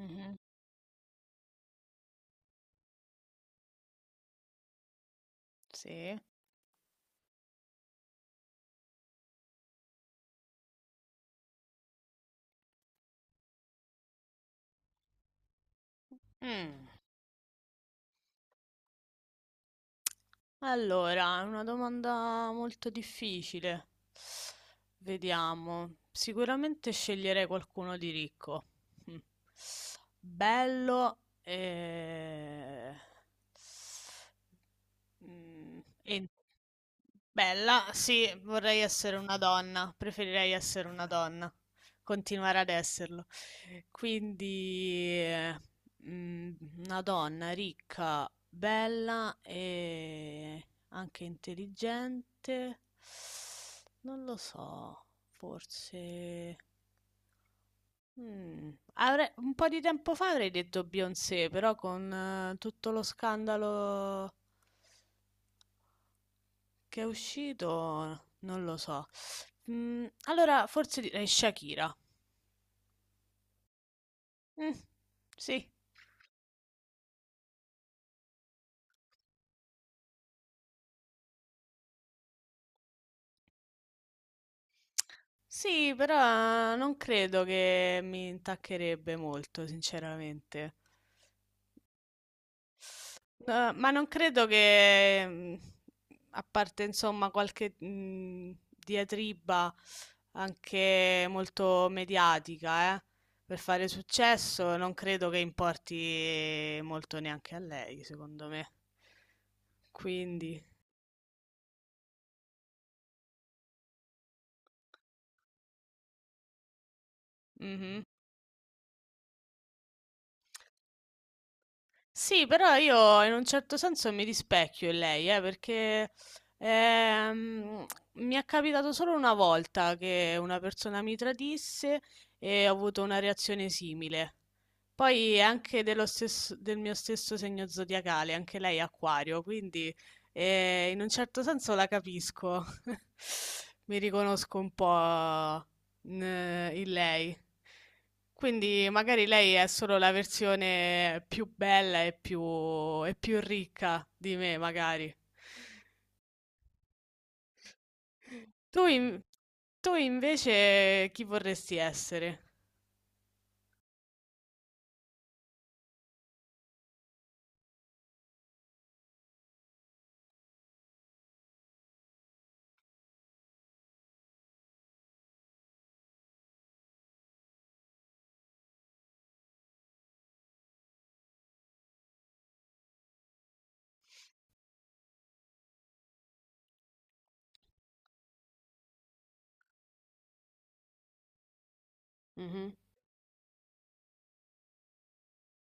Mh-mh, sì. Mh. Allora, è una domanda molto difficile. Vediamo. Sicuramente sceglierei qualcuno di ricco. Mh. Bello e Mm, e- Bella, sì, vorrei essere una donna, preferirei essere una donna, continuare ad esserlo. Quindi, mm, una donna ricca, bella e anche intelligente. Non lo so, forse... un po' di tempo fa avrei detto Beyoncé, però con tutto lo scandalo... Che è uscito? Non lo so. Allora, forse direi Shakira. Mm, sì. Sì, però non credo che mi intaccherebbe molto, sinceramente. Ma non credo che, a parte insomma qualche diatriba anche molto mediatica, per fare successo, non credo che importi molto neanche a lei, secondo me. Quindi, mhm. Sì, però io in un certo senso mi rispecchio in lei, perché ehm, mi è capitato solo una volta che una persona mi tradisse e ho avuto una reazione simile. Poi è anche del mio stesso segno zodiacale, anche lei è acquario, quindi in un certo senso la capisco. Mi riconosco un po' in, in lei. Quindi magari lei è solo la versione più bella e più ricca di me, magari. Tu, in- tu invece chi vorresti essere? Mhm.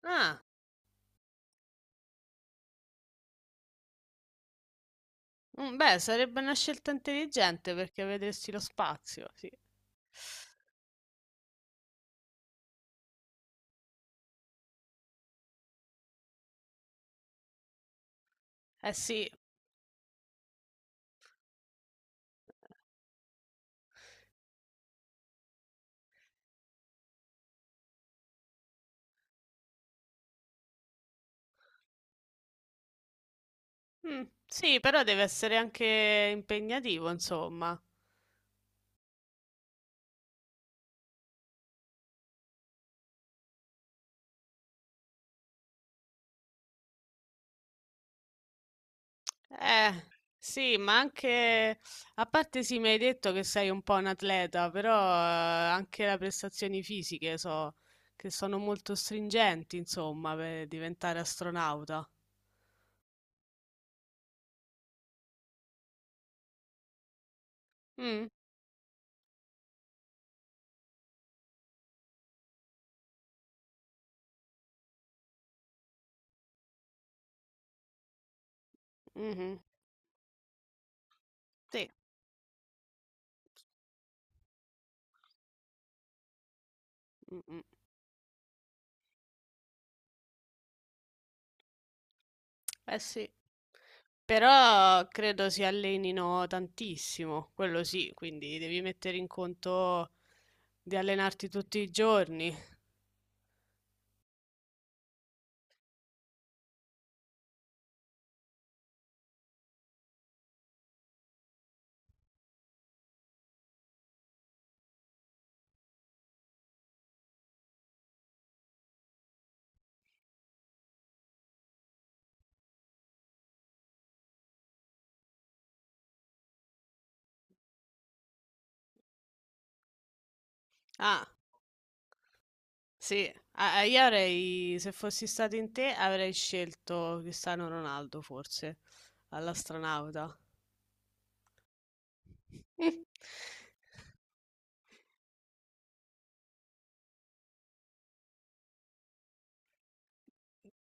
Ah. Mm, beh, sarebbe una scelta intelligente perché vedresti lo spazio, sì. Eh sì. Mm, sì, però deve essere anche impegnativo, insomma. Eh, sì, ma anche... A parte sì, mi hai detto che sei un po' un atleta, però anche le prestazioni fisiche so che sono molto stringenti, insomma, per diventare astronauta. Mm, mhm, sì. Mm, mm. Eh sì, però credo si allenino tantissimo, quello sì, quindi devi mettere in conto di allenarti tutti i giorni. Ah, sì, ah, se fossi stato in te, avrei scelto Cristiano Ronaldo forse, all'astronauta.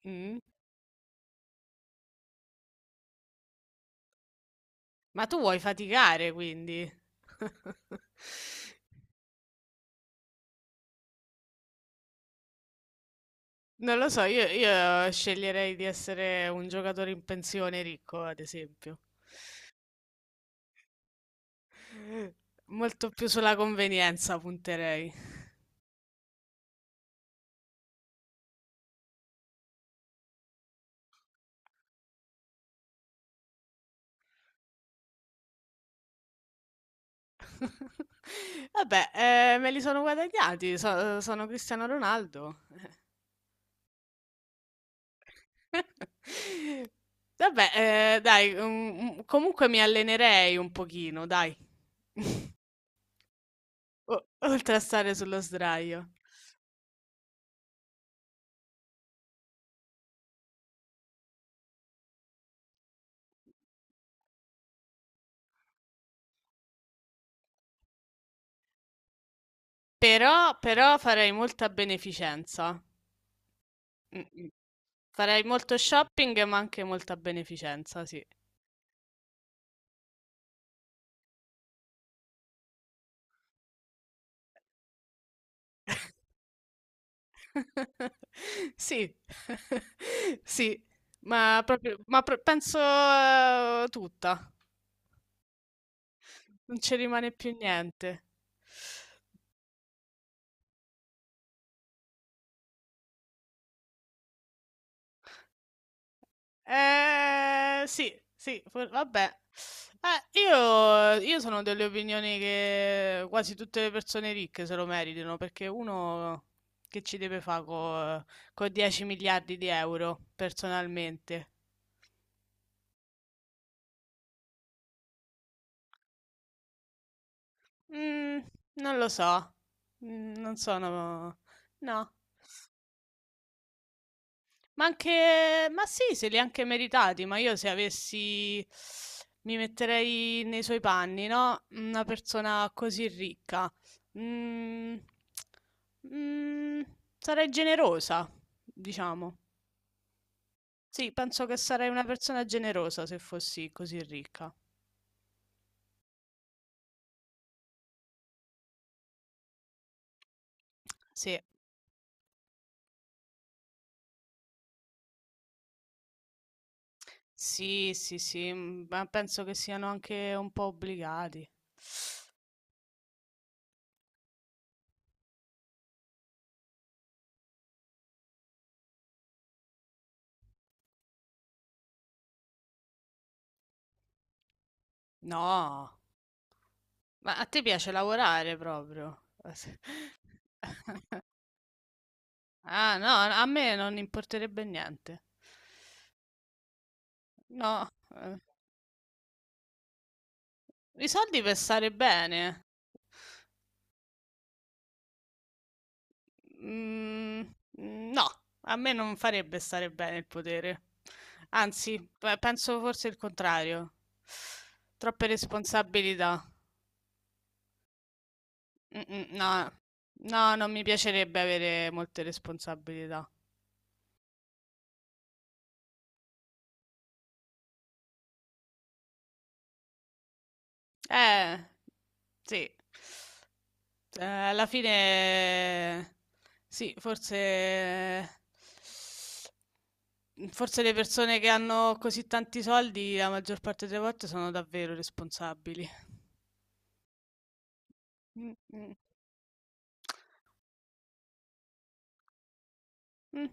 Mm. Ma tu vuoi faticare, quindi? Non lo so, io sceglierei di essere un giocatore in pensione ricco, ad esempio. Molto più sulla convenienza punterei. Vabbè, me li sono guadagnati, sono Cristiano Ronaldo. Vabbè, dai, comunque mi allenerei un pochino, dai. Oltre a stare sullo sdraio. Però, però farei molta beneficenza. Mm, mm. Farei molto shopping, ma anche molta beneficenza, sì. Sì, sì, ma proprio, penso tutta, non ci rimane più niente. Sì, sì, vabbè. Io sono delle opinioni che quasi tutte le persone ricche se lo meritano, perché uno che ci deve fare con 10 miliardi di euro, personalmente? Mm, non lo so. Non sono... No. Ma anche, ma sì, se li ha anche meritati, ma io se avessi, mi metterei nei suoi panni, no? Una persona così ricca. Mm, mm, sarei generosa, diciamo. Sì, penso che sarei una persona generosa se fossi così ricca. Sì, sì, sì, sì, mm, ma penso che siano anche un po' obbligati. No, ma a te piace lavorare proprio. Ah, no, a me non importerebbe niente. No, eh, i soldi per stare bene. Mm, mm, no, a me non farebbe stare bene il potere. Anzi, penso forse il contrario. Troppe responsabilità. Mm, mm, no, no, non mi piacerebbe avere molte responsabilità. Eh, sì. Alla fine sì, forse forse le persone che hanno così tanti soldi la maggior parte delle volte sono davvero responsabili. Mh, mh. Mh,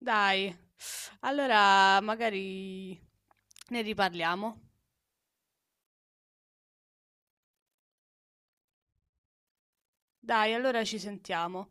dai. Allora magari ne riparliamo. Dai, allora ci sentiamo.